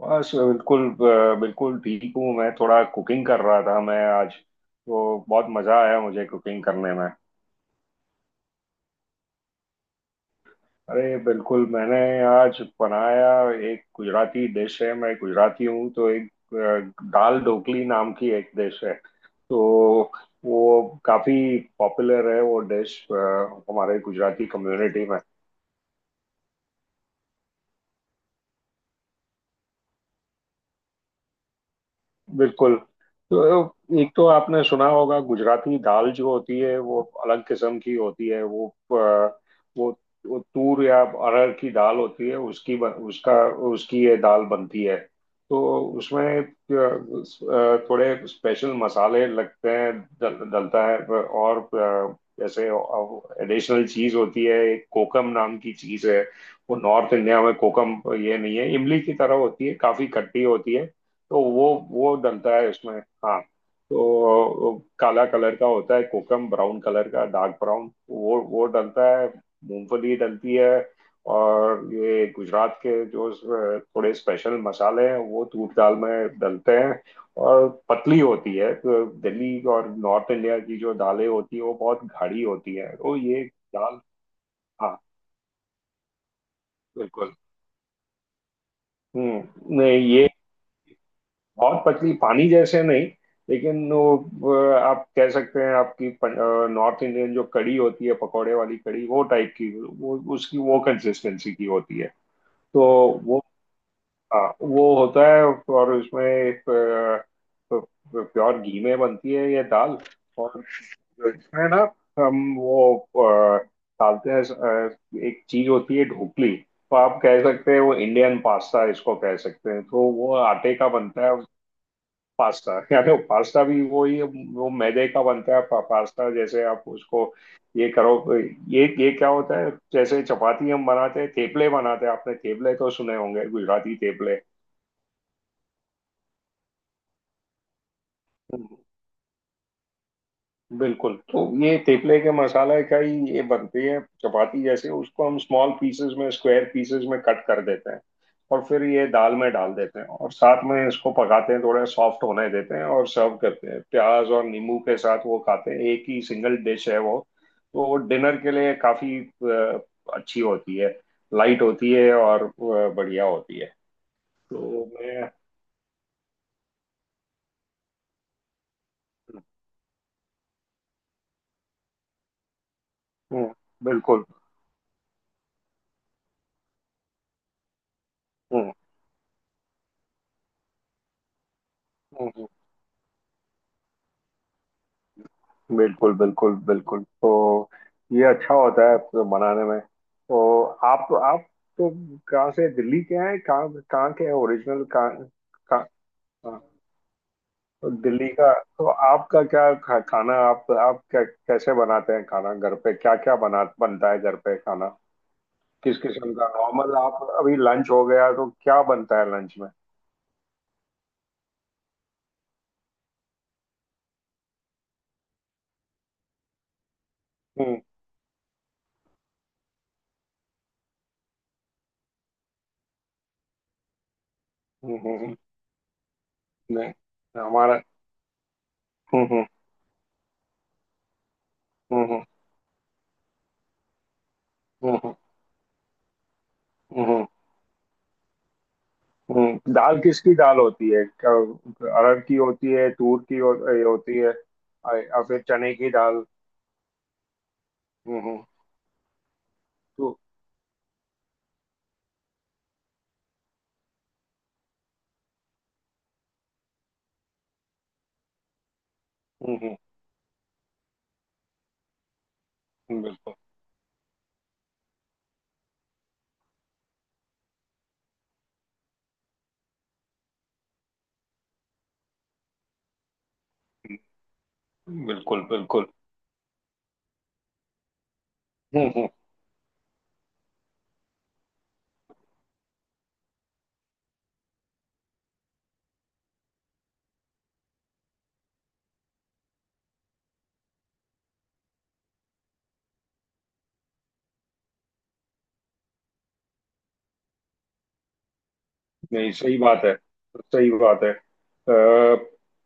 बस बिल्कुल बिल्कुल ठीक हूँ। मैं थोड़ा कुकिंग कर रहा था। मैं आज तो बहुत मज़ा आया मुझे कुकिंग करने में। अरे बिल्कुल मैंने आज बनाया, एक गुजराती डिश है। मैं गुजराती हूँ, तो एक दाल ढोकली नाम की एक डिश है। तो वो काफ़ी पॉपुलर है वो डिश, हमारे गुजराती कम्युनिटी में। बिल्कुल। तो एक तो आपने सुना होगा, गुजराती दाल जो होती है वो अलग किस्म की होती है। वो अ, वो वो तूर या अरहर की दाल होती है। उसका, उसकी ये दाल बनती है। तो उसमें थोड़े स्पेशल मसाले लगते हैं। डलता है। और जैसे एडिशनल चीज होती है, एक कोकम नाम की चीज है। वो नॉर्थ इंडिया में कोकम ये नहीं है, इमली की तरह होती है, काफी खट्टी होती है। तो वो डलता है उसमें। हाँ। तो काला कलर का होता है कोकम, ब्राउन कलर का, डार्क ब्राउन, वो डलता है। मूंगफली डलती है। और ये गुजरात के जो थोड़े स्पेशल मसाले हैं वो तूर दाल में डलते हैं। और पतली होती है। तो दिल्ली और नॉर्थ इंडिया की जो दालें होती है वो बहुत गाढ़ी होती है, तो ये दाल। हाँ बिल्कुल। हम्म, नहीं ये बहुत पतली, पानी जैसे नहीं। लेकिन वो आप कह सकते हैं आपकी नॉर्थ इंडियन जो कड़ी होती है, पकौड़े वाली कड़ी, वो टाइप की, वो उसकी वो कंसिस्टेंसी की होती है। तो वो, हाँ वो होता है। और उसमें अ, प्योर घी में बनती है ये दाल। और इसमें ना हम डालते हैं एक चीज होती है ढोकली। तो आप कह सकते हैं वो इंडियन पास्ता इसको कह सकते हैं। तो वो आटे का बनता है, पास्ता, या तो पास्ता भी वही। वो मैदे का बनता है, पास्ता जैसे आप उसको ये करो। ये क्या होता है, जैसे चपाती हम बनाते हैं, तेपले बनाते हैं। आपने तेपले तो सुने होंगे, गुजराती तेपले। बिल्कुल। तो ये तेपले के मसाला का ही ये बनती है चपाती जैसे। उसको हम स्मॉल पीसेस में, स्क्वायर पीसेस में कट कर देते हैं, और फिर ये दाल में डाल देते हैं, और साथ में इसको पकाते हैं, थोड़ा सॉफ्ट होने देते हैं, और सर्व करते हैं प्याज और नींबू के साथ। वो खाते हैं, एक ही सिंगल डिश है वो। तो वो डिनर के लिए काफी अच्छी होती है, लाइट होती है, और बढ़िया होती है। तो मैं, हम्म, हम्म, बिल्कुल। हम्म हम्म हम्म। बिल्कुल बिल्कुल बिल्कुल। तो ये अच्छा होता है। तो बनाने में तो आप, तो कहाँ से, दिल्ली के हैं? कहाँ कहाँ के हैं ओरिजिनल, कहाँ कहाँ? हाँ, तो दिल्ली का। तो आपका खाना आप क्या कैसे बनाते हैं, खाना घर पे क्या क्या बना बनता है घर पे खाना, किस किस्म का? नॉर्मल आप अभी लंच हो गया, तो क्या बनता है लंच में? हम्म हम्म हम्म, हम्म, नहीं हमारा, हम्म हम्म हम्म हम्म हम्म हम्म दाल किसकी दाल होती है? अरहर की होती है, तूर की होती है? और फिर चने की दाल। हम्म। तो हम्म हम्म। बिल्कुल बिल्कुल बिल्कुल। हम्म, हम्म। नहीं सही बात है, सही बात है। अ,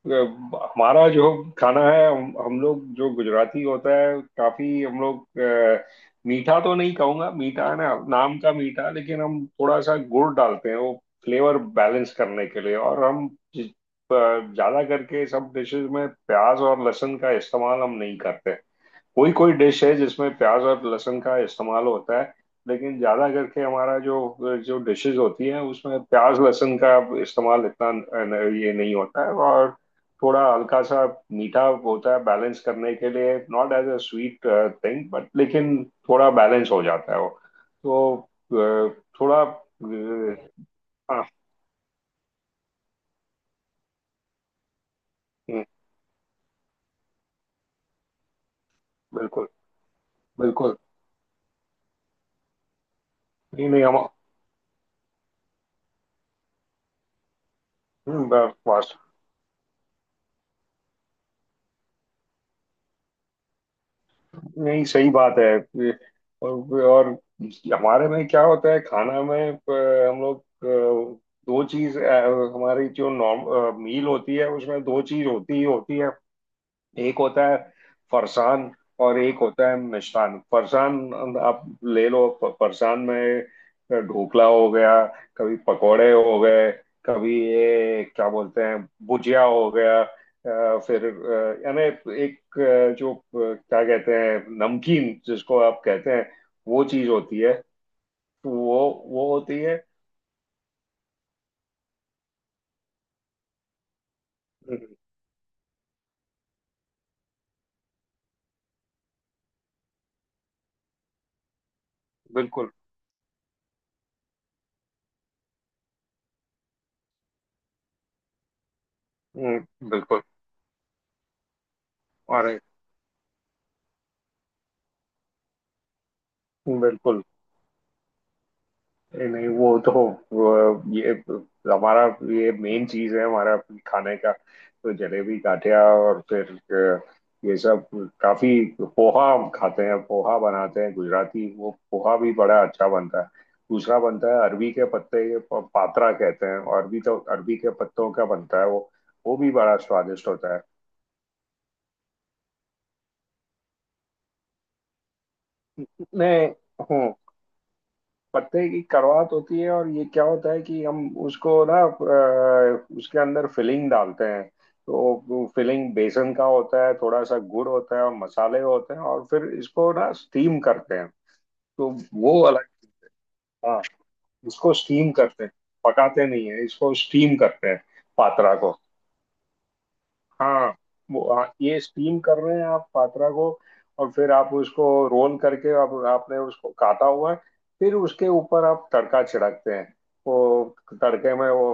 अ, हमारा जो खाना है, हम लोग जो गुजराती होता है, काफी हम लोग मीठा तो नहीं कहूंगा, मीठा है ना नाम का मीठा, लेकिन हम थोड़ा सा गुड़ डालते हैं वो फ्लेवर बैलेंस करने के लिए। और हम जि- अ, ज्यादा करके सब डिशेस में प्याज और लहसुन का इस्तेमाल हम नहीं करते। कोई कोई डिश है जिसमें प्याज और लहसुन का इस्तेमाल होता है, लेकिन ज्यादा करके हमारा जो जो डिशेज होती हैं उसमें प्याज लहसुन का इस्तेमाल इतना ये नहीं होता है। और थोड़ा हल्का सा मीठा होता है, बैलेंस करने के लिए, not as a sweet thing but, लेकिन थोड़ा बैलेंस हो जाता है वो। तो थोड़ा हाँ, हम्म, बिल्कुल बिल्कुल। नहीं नहीं हम फास्ट। नहीं सही बात है। और हमारे में क्या होता है खाना में, हम लोग हमारी जो नॉर्म मील होती है उसमें दो चीज होती ही होती है। एक होता है फरसान और एक होता है मिष्टान। फरसान आप ले लो, फरसान में ढोकला हो गया, कभी पकोड़े हो गए, कभी ये क्या बोलते हैं, भुजिया हो गया। यानी एक अ, जो अ, क्या कहते हैं, नमकीन जिसको आप कहते हैं, वो चीज होती है। तो वो होती है। हम्म, बिल्कुल। बिल्कुल। अरे बिल्कुल। नहीं नहीं वो तो, वो ये हमारा, ये मेन चीज है हमारा खाने का, तो जलेबी गाठिया, और फिर अ, ये सब काफी। पोहा हम खाते हैं, पोहा बनाते हैं गुजराती, वो पोहा भी बड़ा अच्छा बनता है। दूसरा बनता है अरबी के पत्ते के पात्रा कहते हैं, अरबी तो अरबी के पत्तों का बनता है वो। वो भी बड़ा स्वादिष्ट होता है। मैं, हूँ। पत्ते की कड़वाहट होती है, और ये क्या होता है कि हम उसको ना उसके अंदर फिलिंग डालते हैं। तो फिलिंग बेसन का होता है, थोड़ा सा गुड़ होता है, और मसाले होते हैं, और फिर इसको ना स्टीम करते हैं। तो वो अलग। हाँ, इसको स्टीम करते हैं, पकाते नहीं है, इसको स्टीम करते हैं। पात्रा को हाँ, वो हाँ, ये स्टीम कर रहे हैं आप पात्रा को। और फिर आप उसको रोल करके, आप आपने उसको काटा हुआ है, फिर उसके ऊपर आप तड़का छिड़कते हैं। वो तड़के में वो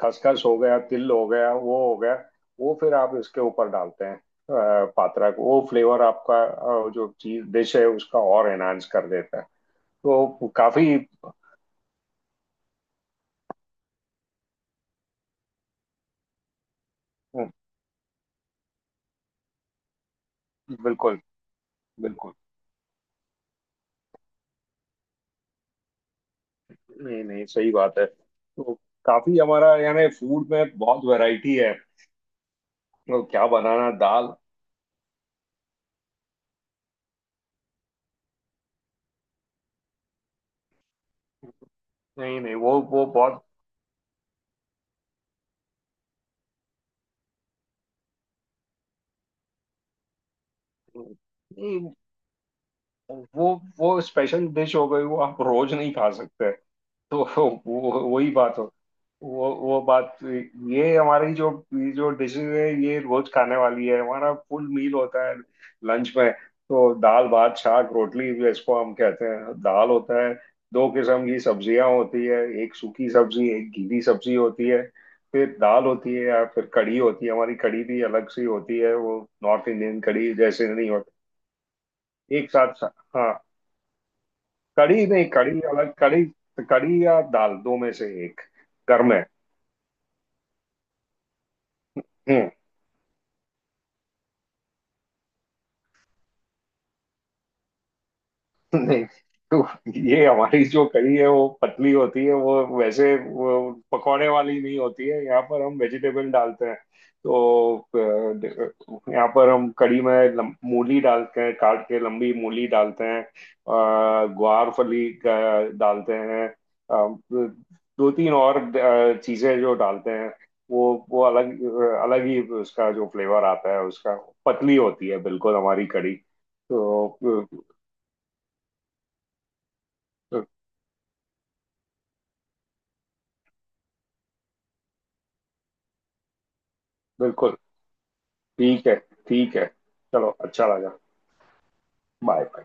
खसखस हो गया, तिल हो गया, वो हो गया। वो फिर आप इसके ऊपर डालते हैं पात्रा को, वो फ्लेवर आपका जो चीज डिश है उसका और एनहांस कर देता है। तो काफी। बिल्कुल बिल्कुल। नहीं नहीं सही बात है। तो काफी हमारा यानी फूड में बहुत वैरायटी है। वो क्या बनाना, दाल। नहीं नहीं वो वो बहुत। नहीं, वो वो स्पेशल डिश हो गई, वो आप रोज नहीं खा सकते। तो वो वही बात हो, वो बात, ये हमारी जो ये जो डिशेज है ये रोज खाने वाली है। हमारा फुल मील होता है लंच में, तो दाल भात शाक रोटली जो इसको हम कहते हैं, दाल होता है, दो किस्म की सब्जियां होती है, एक सूखी सब्जी एक गीली सब्जी होती है, फिर दाल होती है या फिर कढ़ी होती है। हमारी कढ़ी भी अलग सी होती है, वो नॉर्थ इंडियन कढ़ी जैसे नहीं होती। एक साथ, हाँ। कड़ी नहीं, कड़ी अलग, कड़ी, कड़ी या दाल दो में से एक। घर में हम्म। नहीं। तो ये हमारी जो कढ़ी है वो पतली होती है, वो वैसे वो पकौड़े वाली नहीं होती है, यहाँ पर हम वेजिटेबल डालते हैं। तो यहाँ पर हम कढ़ी में मूली डालते हैं, काट के लंबी मूली डालते हैं, डालते हैं दो तीन और चीजें जो डालते हैं। वो वो अलग, अलग ही उसका जो फ्लेवर आता है उसका। पतली होती है बिल्कुल हमारी कढ़ी। तो बिल्कुल, ठीक है, ठीक है, चलो अच्छा लगा, बाय बाय।